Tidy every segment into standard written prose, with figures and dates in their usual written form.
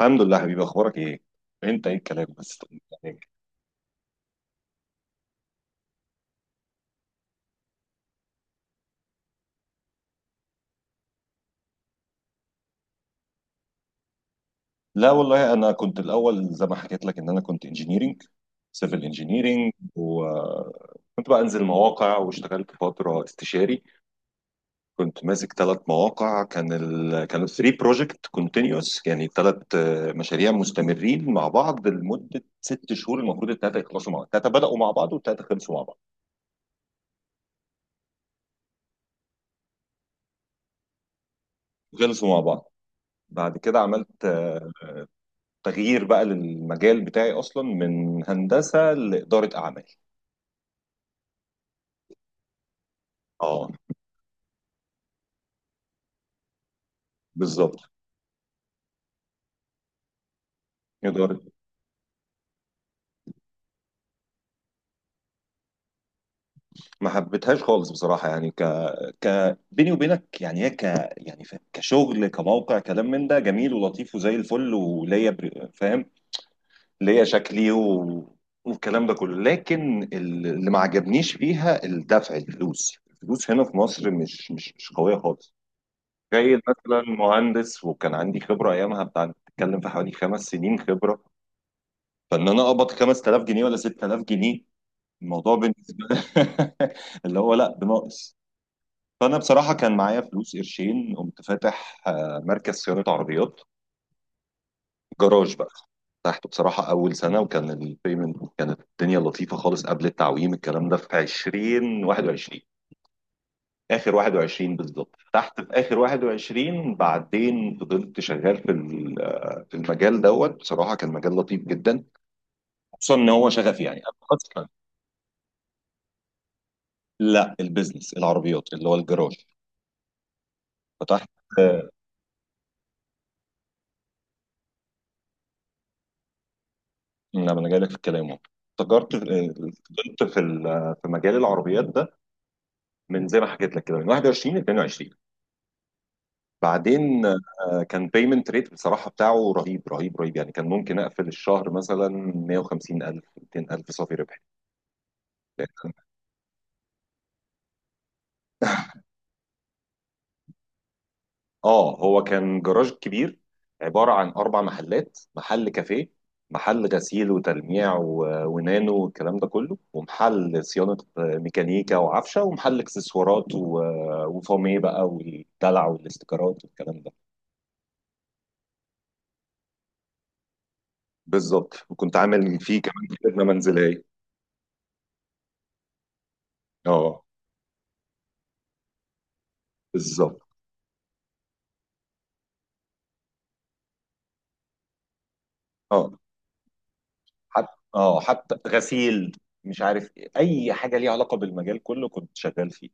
الحمد لله حبيبي، اخبارك ايه؟ انت ايه الكلام بس؟ طيب، يعني. لا والله، انا كنت الاول زي ما حكيت لك ان انا كنت سيفل انجينيرنج، وكنت بقى انزل مواقع واشتغلت فتره استشاري. كنت ماسك 3 مواقع، كانوا 3 بروجكت كونتينوس، يعني 3 مشاريع مستمرين مع بعض لمده 6 شهور. المفروض الثلاثه يخلصوا مع بعض، الثلاثه بداوا مع بعض والثلاثه خلصوا مع بعض. خلصوا مع بعض. بعد كده عملت تغيير بقى للمجال بتاعي اصلا، من هندسه لاداره اعمال. اه. بالظبط. اداره. ما حبيتهاش خالص بصراحه، يعني ك ك بيني وبينك، يعني هي ك يعني ف- كشغل، كموقع، كلام من ده جميل ولطيف وزي الفل، وليا فاهم، ليا شكلي و... والكلام ده كله، لكن اللي ما عجبنيش فيها الدفع. الفلوس هنا في مصر مش قويه خالص. جاي مثلا مهندس وكان عندي خبره ايامها بتاع بتتكلم في حوالي 5 سنين خبره، فان انا اقبض 5000 جنيه ولا 6000 جنيه؟ الموضوع بالنسبه لي اللي هو لا بناقص. فانا بصراحه كان معايا فلوس قرشين، قمت فاتح مركز صيانه عربيات، جراج بقى. فتحته بصراحه اول سنه، وكان البيمنت، كانت الدنيا لطيفه خالص قبل التعويم. الكلام ده في 20، 21. اخر 21 بالظبط، فتحت في اخر 21. بعدين فضلت شغال في ال- آه، في المجال دوت. بصراحه كان مجال لطيف جدا، خصوصا ان هو شغفي يعني. لا، البيزنس العربيات اللي هو الجراج. فتحت، لما انا جاي لك في الكلام اهو. تجارت، فضلت في مجال العربيات ده من زي ما حكيت لك كده من 21 ل 22. بعدين كان بيمنت ريت بصراحه بتاعه رهيب رهيب رهيب، يعني كان ممكن اقفل الشهر مثلا 150 الف، 200 الف صافي ربح. اه، هو كان جراج كبير عبارة عن 4 محلات: محل كافيه، محل غسيل وتلميع و- ونانو والكلام ده كله، ومحل صيانة ميكانيكا وعفشة، ومحل اكسسوارات و- وفوميه بقى، والدلع والاستيكرات والكلام ده. بالظبط، وكنت عامل فيه كمان خدمة منزلية. اه، بالظبط. اه، حتى. اه حتى غسيل، مش عارف إيه. اي حاجه ليها علاقه بالمجال كله كنت شغال فيه.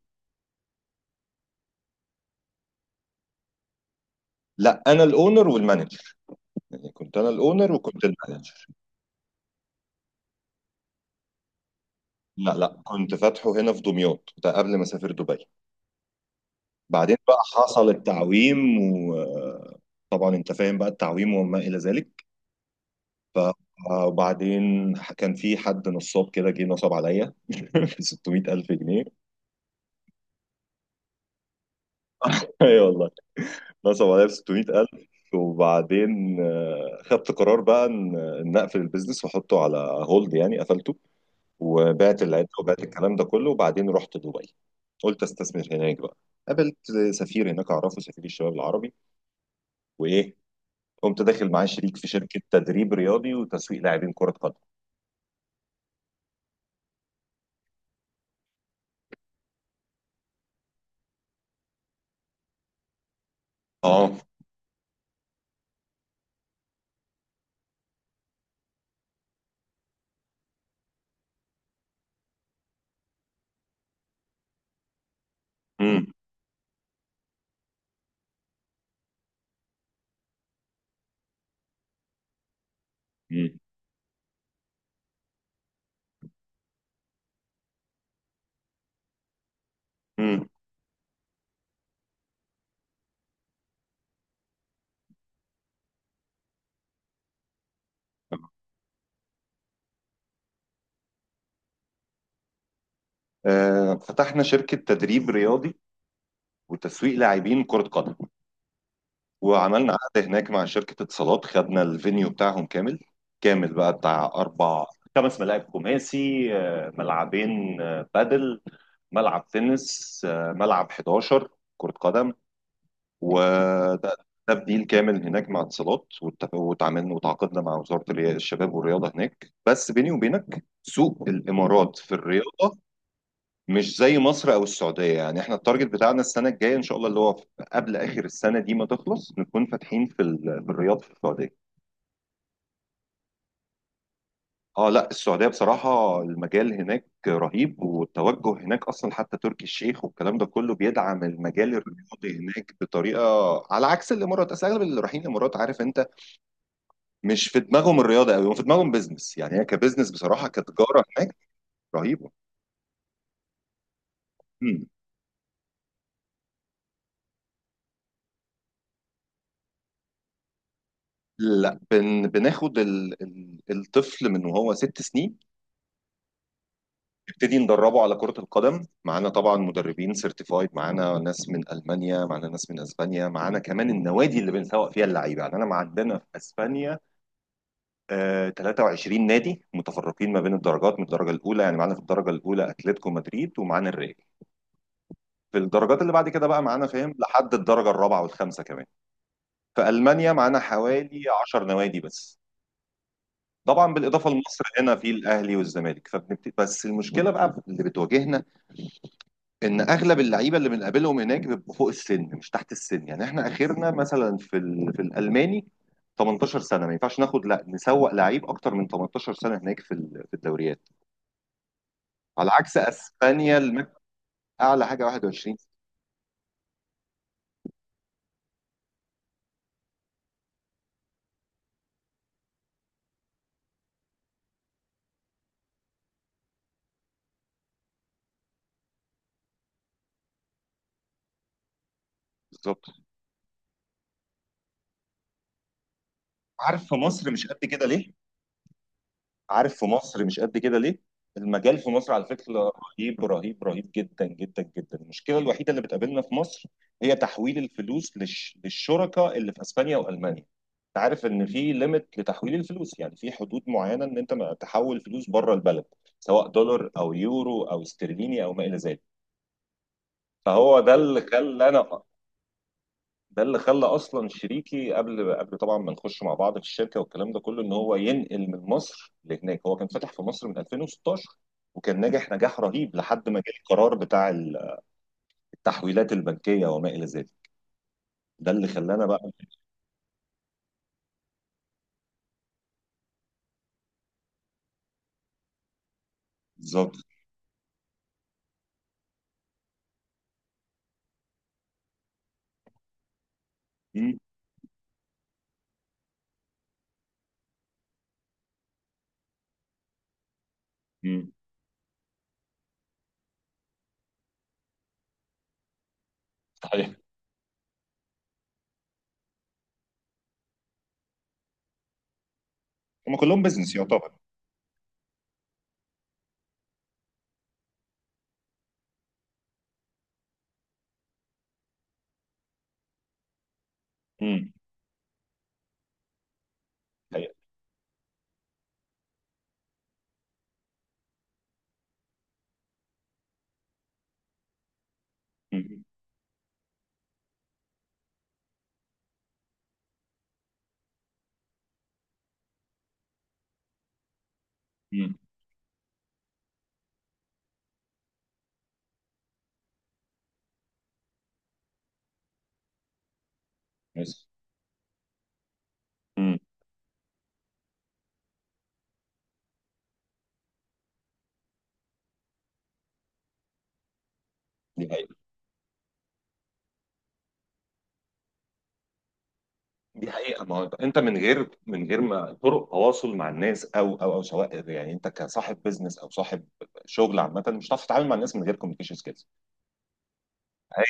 لا، انا الاونر والمانجر. يعني كنت انا الاونر وكنت المانجر. لا لا، كنت فاتحه هنا في دمياط، ده قبل ما اسافر دبي. بعدين بقى حصل التعويم. وطبعا انت فاهم بقى التعويم وما الى ذلك. ف وبعدين كان في حد نصاب كده، جه نصب عليا ب 600,000 جنيه. اي والله، نصب عليا ب 600,000. وبعدين خدت قرار بقى إن اقفل البيزنس واحطه على هولد، يعني قفلته وبعت العده وبعت الكلام ده كله. وبعدين رحت دبي، قلت استثمر هناك بقى. قابلت سفير هناك اعرفه، سفير الشباب العربي، وايه، قمت داخل معاه شريك في شركه تدريب رياضي وتسويق لاعبين كره قدم. اه. امم. امم. امم فتحنا شركه تدريب رياضي وتسويق لاعبين كره قدم. وعملنا قعدة هناك مع شركة اتصالات، خدنا الفينيو بتاعهم كامل. كامل بقى بتاع أربع، 5 ملاعب خماسي، ملعبين بادل، ملعب تنس، ملعب 11 كرة قدم، وده. ده بديل كامل هناك مع اتصالات، واتفق- واتعاملنا، وتعاقدنا مع وزارة الشباب والرياضة هناك. بس بيني وبينك، سوق الإمارات في الرياضة مش زي مصر او السعوديه. يعني احنا التارجت بتاعنا السنه الجايه ان شاء الله اللي هو قبل اخر السنه دي ما تخلص نكون فاتحين في الرياض في السعوديه. اه، لا، السعوديه بصراحه المجال هناك رهيب. والتوجه هناك اصلا، حتى تركي الشيخ والكلام ده كله بيدعم المجال الرياضي هناك بطريقه. على عكس الامارات، اصل اغلب اللي رايحين الامارات، عارف انت، مش في دماغهم الرياضه قوي، في دماغهم بيزنس. يعني هي كبزنس بصراحه، كتجاره هناك رهيبه. مم. لا، بناخد الطفل من وهو 6 سنين، نبتدي ندربه على كرة القدم. معانا طبعا مدربين سيرتيفايد، معانا ناس من ألمانيا، معانا ناس من أسبانيا، معانا كمان النوادي اللي بنسوق فيها اللعيبة. يعني أنا معدنا في أسبانيا آه 23 نادي متفرقين ما بين الدرجات، من الدرجة الأولى، يعني معانا في الدرجة الأولى أتلتيكو مدريد ومعانا الريال، في الدرجات اللي بعد كده بقى معانا فاهم لحد الدرجة الرابعة والخامسة كمان. في ألمانيا معانا حوالي 10 نوادي بس. طبعا بالإضافة لمصر هنا في الأهلي والزمالك. بس المشكلة بقى اللي بتواجهنا ان اغلب اللعيبه اللي بنقابلهم هناك بيبقوا فوق السن مش تحت السن. يعني احنا اخرنا مثلا في الالماني 18 سنه، ما ينفعش ناخد، لا نسوق لعيب اكتر من 18 سنه هناك في الدوريات. على عكس اسبانيا، الماكس اعلى حاجه 21. بالظبط. عارف في مصر مش قد كده ليه؟ عارف في مصر مش قد كده ليه؟ المجال في مصر على فكرة رهيب رهيب رهيب جدا جدا جدا. المشكلة الوحيدة اللي بتقابلنا في مصر هي تحويل الفلوس للشركاء اللي في اسبانيا والمانيا. انت عارف ان في ليميت لتحويل الفلوس، يعني في حدود معينة ان انت ما تحول فلوس بره البلد سواء دولار او يورو او استرليني او ما الى ذلك. فهو ده اللي خلى انا ده اللي خلى اصلا شريكي، قبل طبعا ما نخش مع بعض في الشركه والكلام ده كله، ان هو ينقل من مصر لهناك. هو كان فاتح في مصر من 2016، وكان ناجح نجاح رهيب لحد ما جه القرار بتاع التحويلات البنكيه وما الى ذلك. ده اللي خلانا بقى. بالظبط. مم. مم. صحيح. هم كلهم بيزنس يعتبر. امم حقيقة. امم امم بس. مم. دي دي حقيقة. ما هو انت من غير ما طرق تواصل مع الناس، او او سواء، يعني انت كصاحب بيزنس او صاحب شغل عامة، مش هتعرف تتعامل مع الناس من غير كوميونيكيشن سكيلز.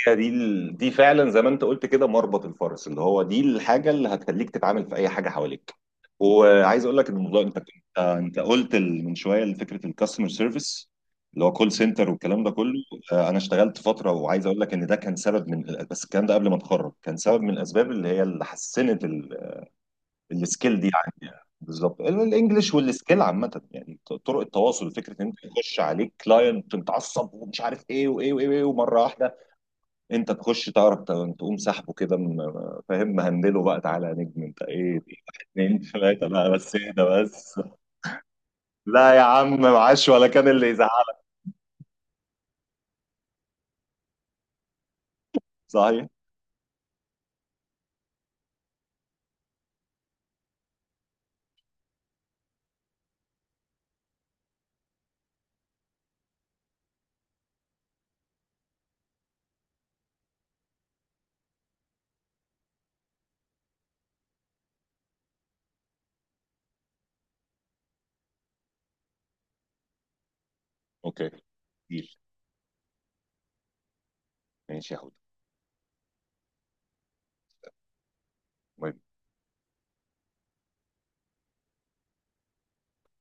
هي دي دي فعلا زي ما انت قلت كده مربط الفرس، اللي هو دي الحاجة اللي هتخليك تتعامل في اي حاجة حواليك. وعايز اقول لك ان الموضوع، انت قلت من شوية فكرة الكاستمر سيرفيس اللي هو كول سنتر والكلام ده كله. انا اشتغلت فتره، وعايز اقول لك ان ده كان سبب من، بس الكلام ده قبل ما اتخرج، كان سبب من الاسباب اللي هي اللي حسنت السكيل دي عندي. بالظبط، الانجليش والسكيل عامه يعني، طرق التواصل. فكره ان انت يخش عليك كلاينت متعصب ومش عارف ايه وايه وايه، وإيه ومره واحده انت تخش تعرف تقوم سحبه كده، فاهم، مهندله بقى: تعالى يا نجم انت ايه، واحد اتنين تلاته بقى بس، اهدى بس. لا يا عم، معاش ولا كان اللي يزعل. صحيح. اوكي. ديل. ماشي يا حود.